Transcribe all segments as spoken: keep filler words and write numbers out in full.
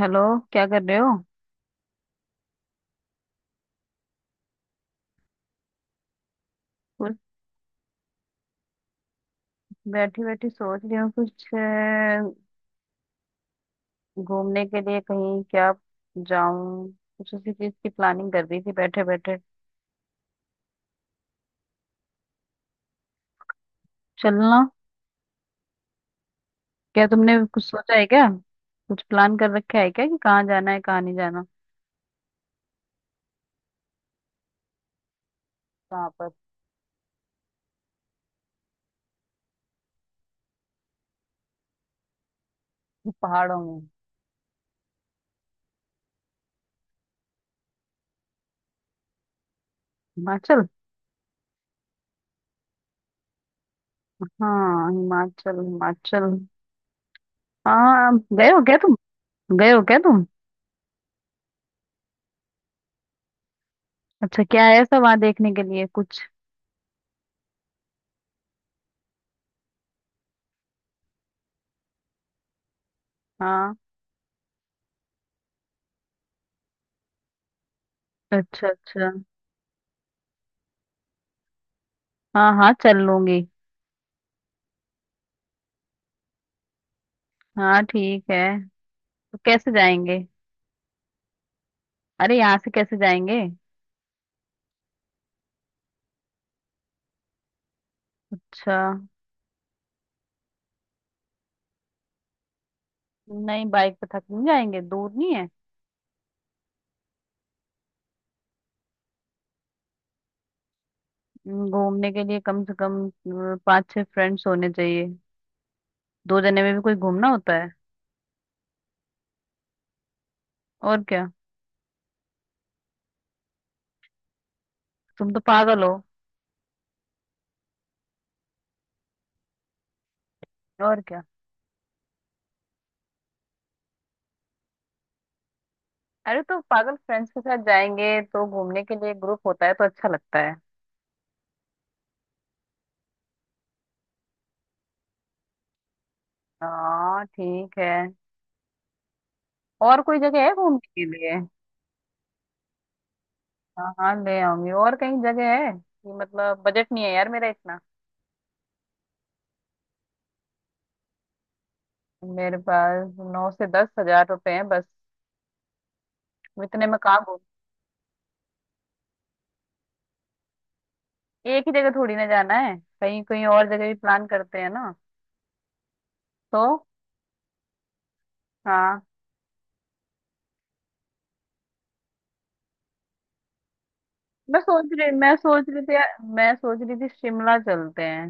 Hello. क्या कर रहे हो? कुछ बैठी बैठी सोच रही हूँ कुछ अ, घूमने के लिए कहीं क्या जाऊं। कुछ उसी चीज की प्लानिंग कर रही थी बैठे बैठे। चलना? क्या तुमने कुछ सोचा है क्या? कुछ प्लान कर रखा है क्या कि कहाँ जाना है, कहाँ नहीं जाना? कहाँ पर? पहाड़ों में। हिमाचल। हाँ, हिमाचल हिमाचल। हाँ, गए हो क्या तुम गए हो क्या तुम? अच्छा, क्या है ऐसा वहां देखने के लिए कुछ? हाँ। अच्छा अच्छा। हाँ हाँ, चल लूंगी। हाँ ठीक है। तो कैसे जाएंगे? अरे यहाँ से कैसे जाएंगे? अच्छा। नहीं, बाइक पे थक नहीं जाएंगे? दूर नहीं है? हम्म, घूमने के लिए कम से कम अ, पाँच छह फ्रेंड्स होने चाहिए। दो जने में भी कोई घूमना होता है? और क्या। तुम तो पागल हो। और क्या। अरे तो पागल, फ्रेंड्स के साथ जाएंगे तो घूमने के लिए ग्रुप होता है तो अच्छा लगता है। हाँ ठीक है। और कोई जगह है घूमने के लिए? हाँ हाँ ले आऊंगी। और कहीं जगह है कि, मतलब बजट नहीं है यार मेरा इतना। मेरे पास नौ से दस हज़ार रुपए हैं बस। इतने में कहाँ घूम। एक ही जगह थोड़ी ना जाना है, कहीं कहीं और जगह भी प्लान करते हैं ना। तो हाँ। मैं सोच रही मैं सोच रही थी यार मैं सोच रही थी शिमला चलते हैं।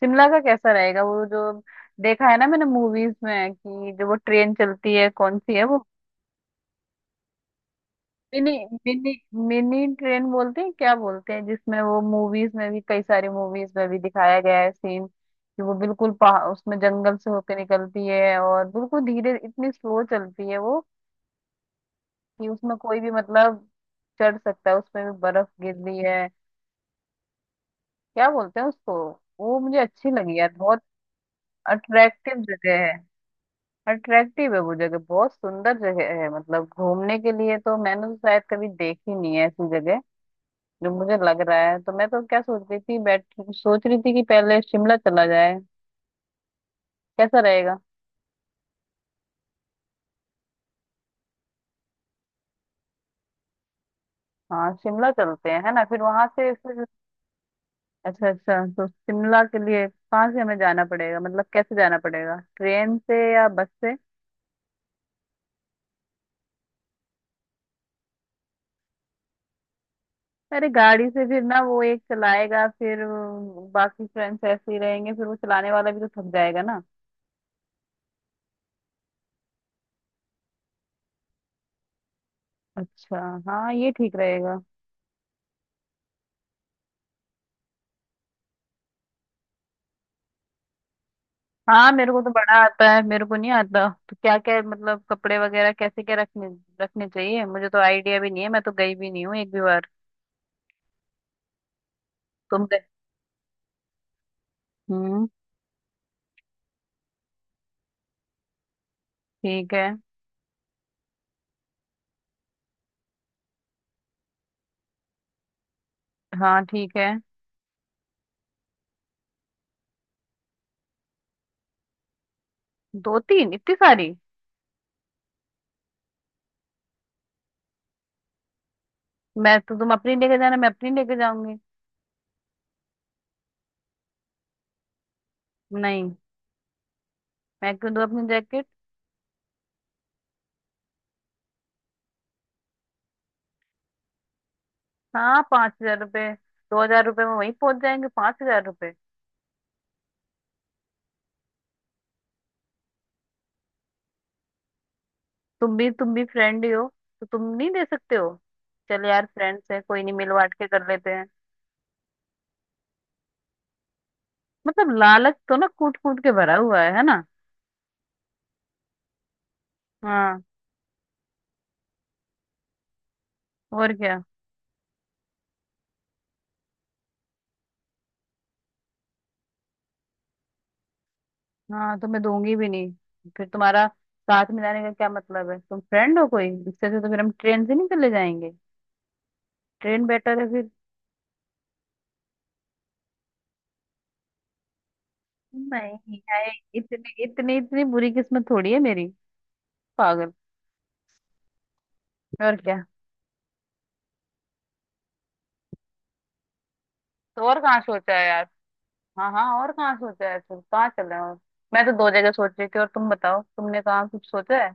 शिमला का कैसा रहेगा? वो जो देखा है ना मैंने मूवीज में, कि जो वो ट्रेन चलती है, कौन सी है वो? मिनी। मिनी। मिनी ट्रेन बोलते हैं, क्या बोलते हैं जिसमें, वो मूवीज में भी, कई सारी मूवीज में भी दिखाया गया है सीन कि वो बिल्कुल पहाड़, उसमें जंगल से होकर निकलती है और बिल्कुल धीरे, इतनी स्लो चलती है वो कि उसमें कोई भी मतलब चढ़ सकता है, उसमें भी बर्फ गिर रही है। क्या बोलते हैं उसको? वो मुझे अच्छी लगी यार बहुत। अट्रैक्टिव जगह है। अट्रैक्टिव है वो जगह, बहुत सुंदर जगह है मतलब, घूमने के लिए तो मैंने तो शायद कभी देखी नहीं है ऐसी जगह जो मुझे लग रहा है। तो मैं तो क्या सोच रही थी, बैठ सोच रही थी कि पहले शिमला चला जाए, कैसा रहेगा? हाँ, शिमला चलते हैं है ना, फिर वहां से फिर। अच्छा अच्छा, तो शिमला के लिए कहाँ से हमें जाना पड़ेगा, मतलब कैसे जाना पड़ेगा, ट्रेन से या बस से? अरे गाड़ी से फिर ना, वो एक चलाएगा फिर अ, बाकी फ्रेंड्स ऐसे ही रहेंगे, फिर वो चलाने वाला भी तो थक जाएगा ना। अच्छा। हाँ ये ठीक रहेगा। हाँ मेरे को तो बड़ा आता है। मेरे को नहीं आता तो क्या क्या, मतलब कपड़े वगैरह कैसे क्या रखने, रखने चाहिए, मुझे तो आइडिया भी नहीं है, मैं तो गई भी नहीं हूँ एक भी बार। तुम गए? हम्म। ठीक है। हाँ ठीक है। दो तीन इतनी सारी? मैं तो, तुम अपनी लेके जाना, मैं अपनी लेके जाऊंगी। नहीं। मैं क्यों दूं अपनी जैकेट? हाँ पाँच हज़ार रुपये। दो हज़ार रुपये में वहीं पहुंच जाएंगे, पाँच हज़ार रुपये? तुम भी तुम भी फ्रेंड ही हो, तो तुम नहीं दे सकते हो? चल यार, फ्रेंड्स है कोई नहीं, मिल बांट के कर लेते हैं। मतलब लालच तो ना कूट कूट के भरा हुआ है है ना। हाँ। और क्या। हाँ तो मैं दूंगी भी नहीं। फिर तुम्हारा साथ में जाने का क्या मतलब है, तुम फ्रेंड हो कोई? इससे अच्छा तो फिर हम ट्रेन से नहीं चले जाएंगे? ट्रेन बेटर है फिर। नहीं है। इतनी इतनी इतनी बुरी किस्मत थोड़ी है मेरी, पागल। और क्या। तो और कहाँ सोचा है यार? हाँ हाँ, और कहाँ सोचा है, फिर कहाँ चल रहे हो? मैं तो दो जगह सोच रही थी, और तुम बताओ तुमने कहाँ कुछ सोचा है?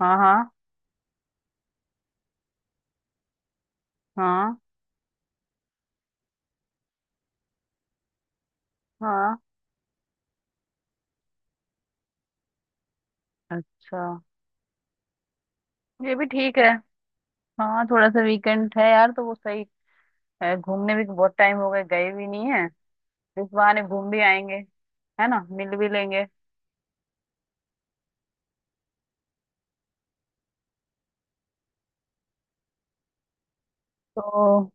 हाँ। हाँ। हाँ। हाँ। अच्छा। ये भी ठीक है। हाँ, थोड़ा सा वीकेंड है यार तो वो सही है। घूमने भी बहुत टाइम हो गए, गए भी नहीं है, इस बहाने घूम भी आएंगे, है ना, मिल भी लेंगे। तो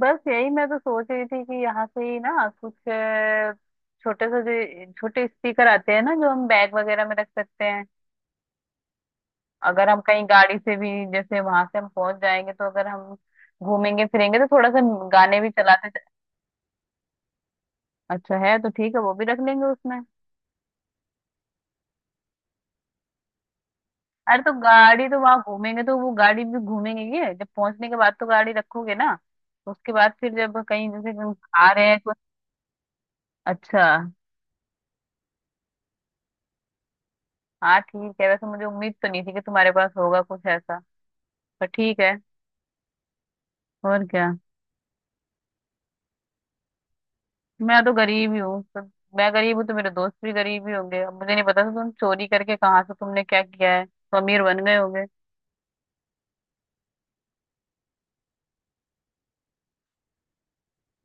बस यही मैं तो सोच रही थी कि यहाँ से ही ना कुछ अ, छोटे से, जो छोटे स्पीकर आते हैं ना, जो हम बैग वगैरह में रख सकते हैं, अगर हम कहीं गाड़ी से भी, जैसे वहां से हम पहुंच जाएंगे, तो अगर हम घूमेंगे फिरेंगे तो थोड़ा सा गाने भी चलाते। अच्छा है, तो ठीक है वो भी रख लेंगे उसमें। अरे तो गाड़ी तो वहां घूमेंगे तो वो गाड़ी भी घूमेंगे, ये जब पहुंचने के बाद तो गाड़ी रखोगे ना, तो उसके बाद फिर जब कहीं जैसे हम आ रहे हैं कुछ। अच्छा। हाँ ठीक है, वैसे मुझे उम्मीद तो नहीं थी कि तुम्हारे पास होगा कुछ ऐसा, पर ठीक है। और क्या। मैं तो गरीब ही हूँ तो, मैं गरीब हूँ तो मेरे दोस्त भी गरीब ही होंगे। अब मुझे नहीं पता था तुम चोरी करके कहाँ से तुमने क्या किया है तो अमीर बन गए होंगे।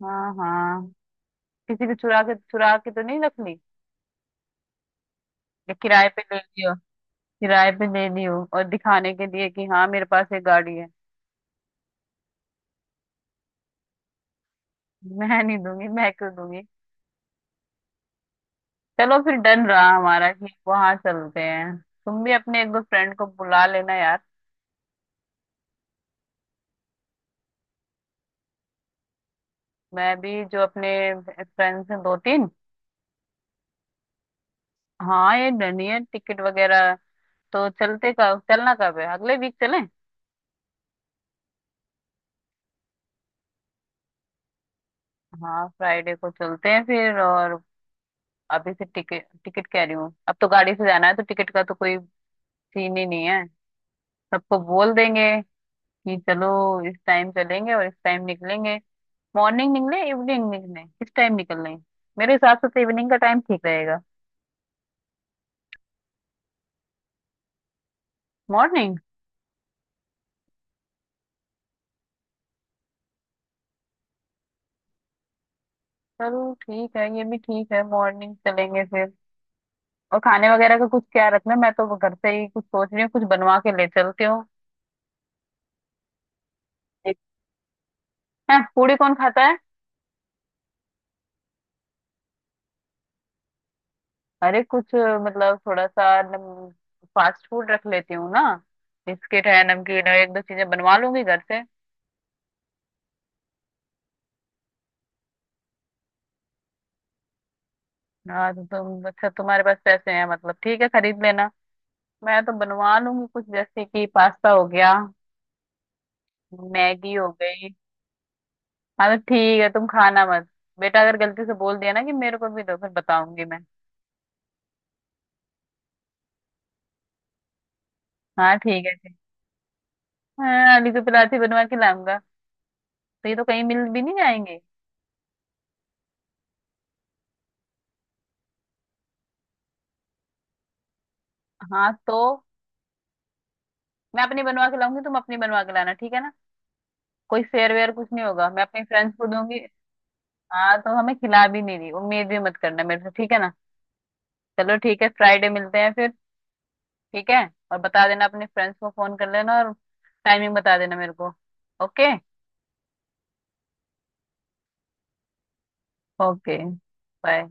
हाँ हाँ। किसी को चुरा के चुरा के तो नहीं रख ली? या किराए पे ले लियो, किराए पे ले लियो और दिखाने के लिए कि हाँ मेरे पास एक गाड़ी है। मैं नहीं दूंगी, मैं क्यों दूंगी? चलो फिर डन रहा हमारा, कि वहां चलते हैं। तुम भी अपने एक दो फ्रेंड को बुला लेना यार। मैं भी जो अपने फ्रेंड्स हैं दो तीन। हाँ ये डन ही है, टिकट वगैरह तो। चलते, कब चलना कब है, अगले वीक चलें? हाँ, फ्राइडे को चलते हैं फिर, और अभी से टिकट टिकट कह रही हूँ, अब तो गाड़ी से जाना है तो टिकट का तो कोई सीन ही नहीं है। सबको बोल देंगे कि चलो, इस टाइम चलेंगे और इस टाइम निकलेंगे। मॉर्निंग निकले, इवनिंग निकले, किस टाइम निकलना है? मेरे हिसाब से तो इवनिंग का टाइम ठीक रहेगा। मॉर्निंग? चलो ठीक है, ये भी ठीक है, मॉर्निंग चलेंगे फिर। और खाने वगैरह का कुछ क्या रखना है? मैं तो घर से ही कुछ सोच रही हूँ, कुछ बनवा के ले चलती हूँ। हैं, पूड़ी कौन खाता? अरे कुछ, मतलब थोड़ा सा नम, फास्ट फूड रख लेती हूँ ना, बिस्किट है नमकीन है, एक दो चीजें बनवा लूंगी घर से। हाँ तो तुम, अच्छा तुम्हारे पास पैसे हैं मतलब, ठीक है खरीद लेना। मैं तो बनवा लूंगी कुछ, जैसे कि पास्ता हो गया, मैगी हो गई। हाँ तो ठीक है, तुम खाना मत। बेटा अगर गलती से बोल दिया ना कि मेरे को भी दो, फिर बताऊंगी मैं। हाँ ठीक है, ठीक। हाँ, आलू की पराठे बनवा के लाऊंगा, तो ये तो कहीं मिल भी नहीं जाएंगे। हाँ तो मैं अपनी बनवा के लाऊंगी, तुम अपनी बनवा के लाना, ठीक है ना? कोई फेयर वेयर कुछ नहीं होगा, मैं अपनी फ्रेंड्स को दूंगी। हाँ तो हमें खिला भी नहीं रही, उम्मीद भी मत करना मेरे से, ठीक है ना? चलो ठीक है, फ्राइडे मिलते हैं फिर। ठीक है। और बता देना अपने फ्रेंड्स को, फोन कर लेना, और टाइमिंग बता देना मेरे को। ओके। ओके। बाय।